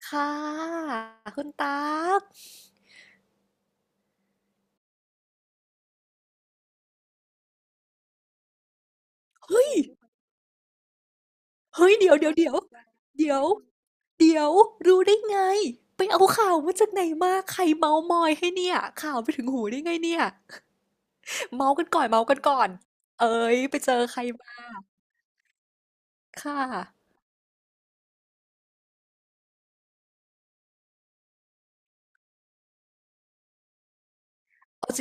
ค่ะคุณตั๊กเฮ้ยเฮ้ยเดี๋ยวเดี๋ยวเดี๋ยวเดี๋ยวเดี๋ยวรู้ได้ไงไปเอาข่าวมาจากไหนมาใครเมามอยให้เนี่ยข่าวไปถึงหูได้ไงเนี่ยเมากันก่อนเอ้ยไปเจอใครมาค่ะเอาจ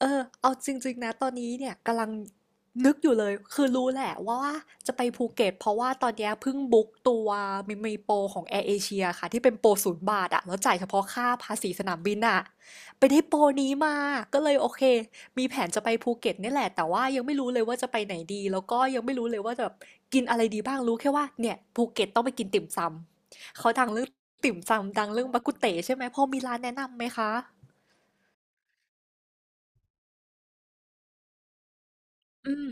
เอาจริงๆนะตอนนี้เนี่ยกำลังนึกอยู่เลยคือรู้แหละว่าจะไปภูเก็ตเพราะว่าตอนเนี้ยเพิ่งบุ๊กตัวมีโปรของแอร์เอเชียค่ะที่เป็นโปรศูนย์บาทอะแล้วจ่ายเฉพาะค่าภาษีสนามบินอะไปได้โปรนี้มาก็เลยโอเคมีแผนจะไปภูเก็ตนี่แหละแต่ว่ายังไม่รู้เลยว่าจะไปไหนดีแล้วก็ยังไม่รู้เลยว่าจะแบบกินอะไรดีบ้างรู้แค่ว่าเนี่ยภูเก็ตต้องไปกินติ่มซำเขาดังเรื่องติ่มซำดังเรื่องบักกุเตใช่ไหมพอมีร้านแนะนำไหมคะอืม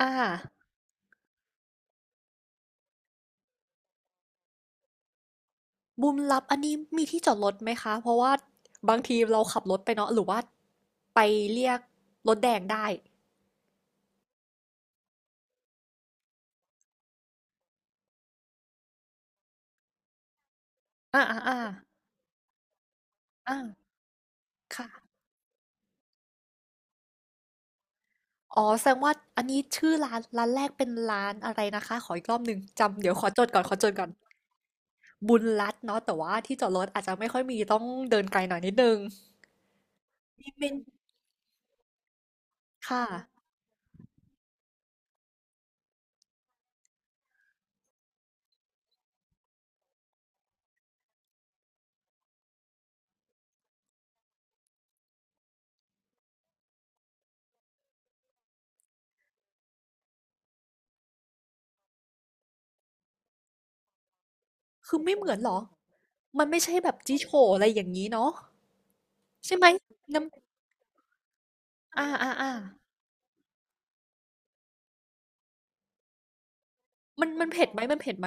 อ่า บุญลับอันนี้มีที่จอดรถไหมคะเพราะว่าบางทีเราขับรถไปเนาะหรือว่าไปเรียกรถแดงได้อาๆๆอาค่ะอ๋อแสดงว่าอันนี้ชื่อร้านร้านแรกเป็นร้านอะไรนะคะขออีกรอบหนึ่งจำเดี๋ยวขอจดก่อนบุญลัดเนาะแต่ว่าที่จอดรถอาจจะไม่ค่อยมีต้องเดินไกลหน่อยนิดหนึ่งมีเป็นค่ะคือไม่เหมือนเหรอมันไม่ใช่แบบจี้โฉ่อะไรอย่างงี้เนาะใช่ไหมน้ำอาๆๆมันเผ็ดไหมมันเผ็ดไหม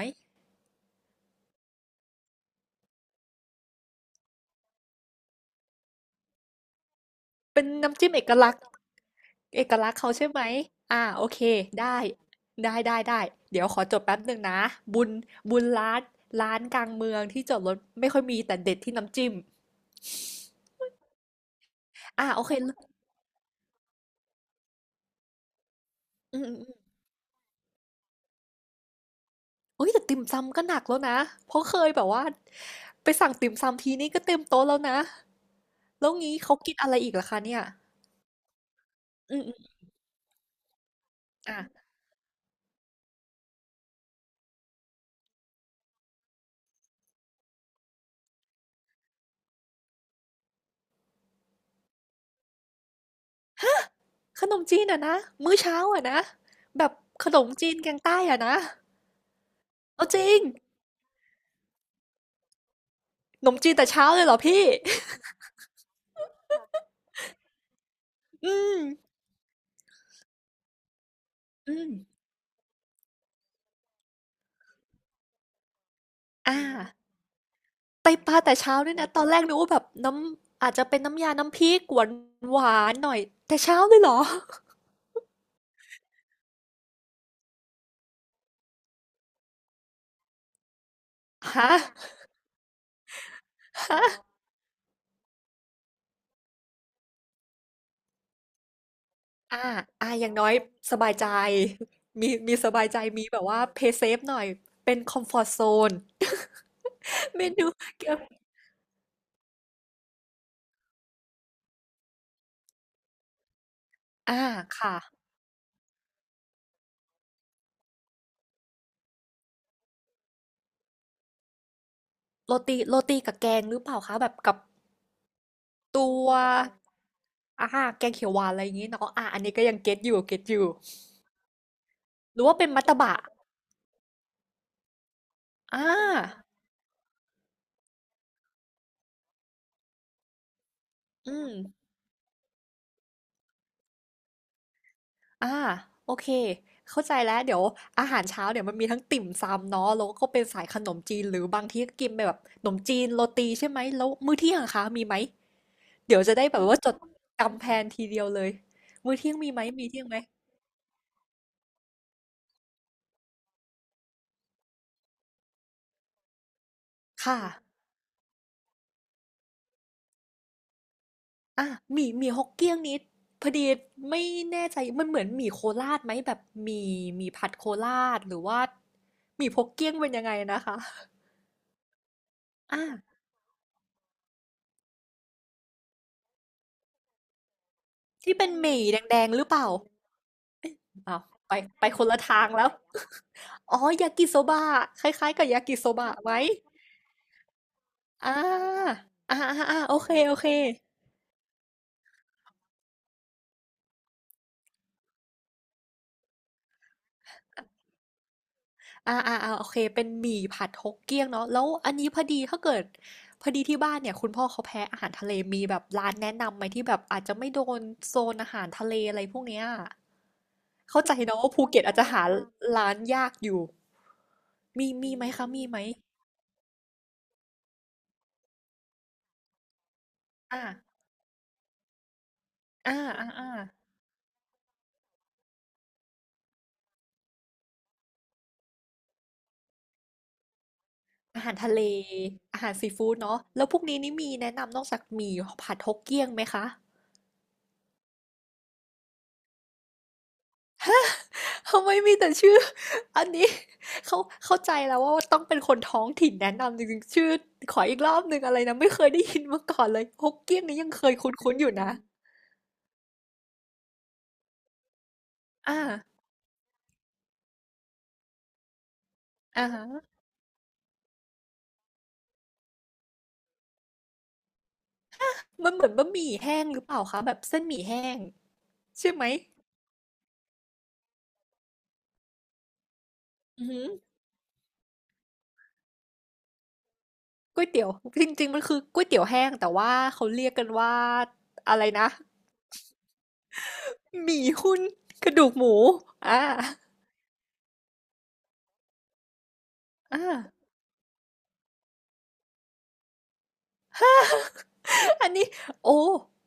เป็นน้ำจิ้มเอกลักษณ์เอกลักษณ์เขาใช่ไหม อ่าโอเคได้ ได้เดี๋ยวขอจดแป๊บหนึ่งนะบุญบุญร้านร้านกลางเมืองที่จอดรถไม่ค่อยมีแต่เด็ดที่น้ำจิ้มอ่าโอเคอืมเอ้ยแต่ติ่มซำก็หนักแล้วนะเพราะเคยแบบว่าไปสั่งติ่มซำทีนี้ก็เต็มโต๊ะแล้วนะแล้วงี้เขากินอะไรอีกล่ะคะเนี่ยอืมอ่ะขนมจีนอะนะมื้อเช้าอะนะแบบขนมจีนแกงใต้อะนะเอาจริงขนมจีนแต่เช้าเลยเหรอพี่ อืม อืมอาไปปลาแต่เช้าด้วยนะตอนแรกนึกว่าแบบน้ำอาจจะเป็นน้ำยาน้ำพริกหวานหวานหน่อยแต่เช้าเลยเหรอ ฮะฮะอาอาอย่างน้อยสบายใจ มี มีสบายใจมีแบบว่า Play safe หน่อยเป็นคอมฟอร์ตโซน เมนูเกี่ยวอาค่ะ โรตี โรตีกับแกงหรือเปล่าคะแบบกับตัวอาแกงเขียวหวานอะไรอย่างงี้เนาะอาอันนี้ก็ยังเก็ตอยู่หรือว่าเป็นมัตตบะอาอืม อาโอเคเข้าใจแล้วเดี๋ยวอาหารเช้าเนี่ยวมันมีทั้งติ่มซำเนาะแล้วก็เป็นสายขนมจีนหรือบางทีก็กินไปแบบขนมจีนโรตีใช่ไหมแล้วมื้อเที่ยงอะคะมีไหมเดี๋ยวจะได้แบบว่าจดจำแพลนทีเดียวเลยมื้อเที่ยงมีไหมมีเที่ยงไหมค่ะอ่ะหมี่ฮกเกี้ยงนี้พอดีไม่แน่ใจมันเหมือนหมี่โคราชไหมแบบหมี่หมี่ผัดโคราชหรือว่าหมี่ฮกเกี้ยงเป็นยังไงนะคะอ่ะที่เป็นหมี่แดงๆหรือเปล่า อ้าวไปไปคนละทางแล้ว อ๋อยากิโซบะคล้ายๆกับยากิโซบะไหมอ่าอ่าโอเคโอเคอ่าโอเคเป็นหมี่ผัดฮกเกี้ยงเนาะแล้วอันนี้พอดีถ้าเกิดพอดีที่บ้านเนี่ยคุณพ่อเขาแพ้อาหารทะเลมีแบบร้านแนะนำไหมที่แบบอาจจะไม่โดนโซนอาหารทะเลอะไรพวกเนี้ยเข้าใจเนาะว่าภูเก็ตอาจจะหาร้านยากอยู่มีไหมคะมีไหมอ่าอ่าอ่า อาหารทะเลอาหารซีฟู้ดเนาะแล้วพวกนี้นี่มีแนะนำนอกจากหมี่ผัดฮกเกี้ยงไหมคะทำไมมีแต่ชื่ออันนี้เขาเข้าใจแล้วว่าต้องเป็นคนท้องถิ่นแนะนำจริงๆชื่อขออีกรอบหนึ่งอะไรนะไม่เคยได้ยินมาก่อนเลยฮกเกี้ยงนี่ยังเคยคุ้นๆอยู่นะอ่าอ่าฮะมันเหมือนบะหมี่แห้งหรือเปล่าคะแบบเส้นหมี่แห้งใช่ไหมอือหือก๋วยเตี๋ยวจริงๆมันคือก๋วยเตี๋ยวแห้งแต่ว่าเขาเรียกกันว่าอะไรนะหมี่หุ้นกระดูกหมูอ่า อา อันนี้โอ้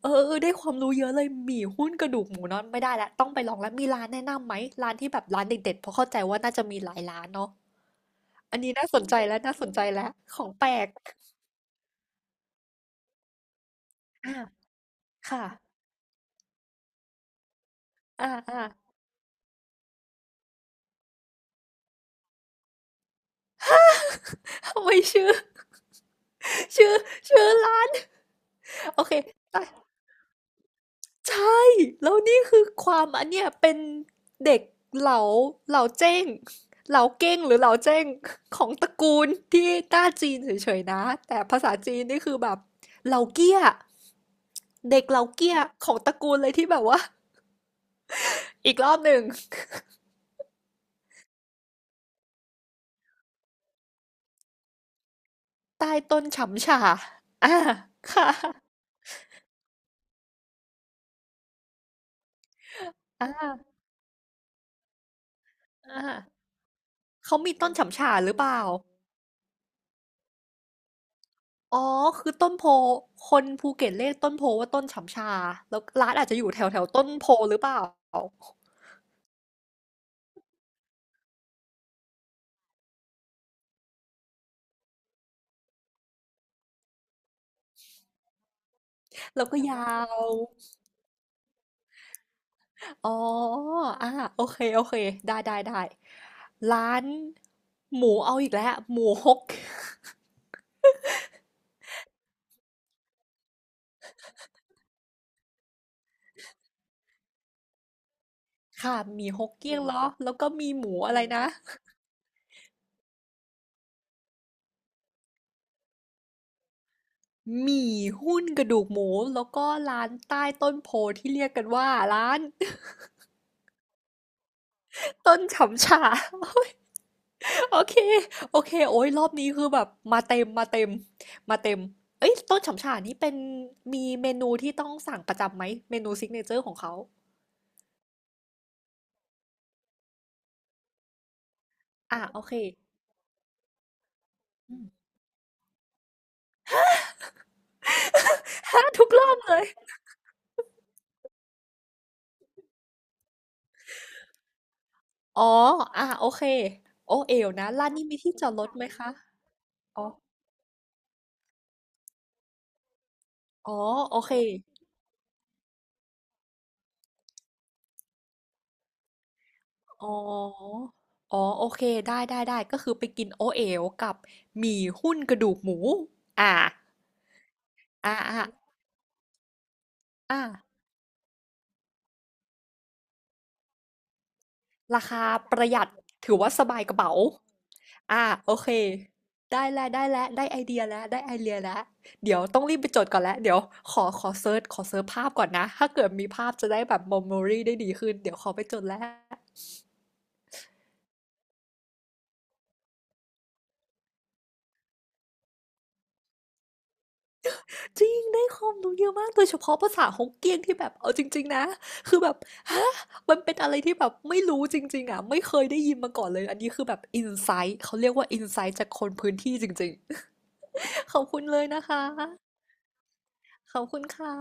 เออ ได้ความรู้เยอะเลยหมี่หุ้นกระดูกหมูน็อนไม่ได้แล้ว ต้องไปลองแล้วมีร้านแนะนำไหมร้านที่แบบร้านเด็ดๆเพราะเข้าใจว่าน่าจะมีหลายร้านเนาะอันนี้น่าสนใจแล้วน่าสนใจแล้วของแปลกอาค่ะอาๆทำไมชื่อชื่อชื่อร้านโอเค ใช่แล้วนี่คือความอันเนี้ยเป็นเด็กเหลาเหลาเจ้งเหลาเก้งหรือเหลาเจ้งของตระกูลที่ต้าจีนเฉยๆนะแต่ภาษาจีนนี่คือแบบเหลาเกี้ยเด็กเหลาเกี้ยของตระกูลเลยที่แบบว่าอีกรอบหนึ่งใต้ต้นฉ่ำฉ่าอ่าค่ะอ่าอ่าเขามีต้นฉ่ำฉ่าหรือเปล่าอ๋อคือต้นโพคนภูเก็ตเรียกต้นโพว่าต้นฉ่ำชาแล้วร้านอาจจะอยู่แถวแถวต้นโพหรือเปล่า แล้วก็ยาวอ๋ออ่าโอเคโอเคได้ได้ได้ ร้านหมูเอาอีกแล้ว หมูฮกค่ะหมี่ฮกเกี้ยงเนาะแล้วก็มีหมูอะไรนะหมี่หุ้นกระดูกหมู แล้วก็ร้านใต้ต้นโพธิ์ที่เรียกกันว่าร้าน ต้นฉำฉา โอเค โอเคโอ้ยรอบนี้คือแบบมาเต็มมาเต็มมาเต็มเอ้ยต้นฉำฉานี่เป็นมีเมนูที่ต้องสั่งประจำไหม เมนูซิกเนเจอร์ของเขาอ่ะโอเค ฮะทุกรอบเลยอ๋ออ่ะโอเคโอเอวนะลานนี้มีที่จอดรถไหมคะอ๋อ อ๋อโอเคอ๋ออ๋อโอเคได้ได้ได้ก็คือไปกินโอเอวกับหมี่หุ้นกระดูกหมูอ่าอ่าอ่าอ่าราคาประหยัดถือว่าสบายกระเป๋าโอเคได้แล้วได้แล้วได้ไอเดียแล้วได้ไอเดียแล้วเดี๋ยวต้องรีบไปจดก่อนแล้วเดี๋ยวขอเซิร์ชภาพก่อนนะถ้าเกิดมีภาพจะได้แบบ memory ได้ดีขึ้นเดี๋ยวขอไปจดแล้ว จริงได้ความรู้เยอะมากโดยเฉพาะภาษาฮกเกี้ยนที่แบบเอาจริงๆนะคือแบบฮะมันเป็นอะไรที่แบบไม่รู้จริงๆอ่ะไม่เคยได้ยินมาก่อนเลยอันนี้คือแบบอินไซต์เขาเรียกว่าอินไซต์จากคนพื้นที่จริงๆ ขอบคุณเลยนะคะขอบคุณค่ะ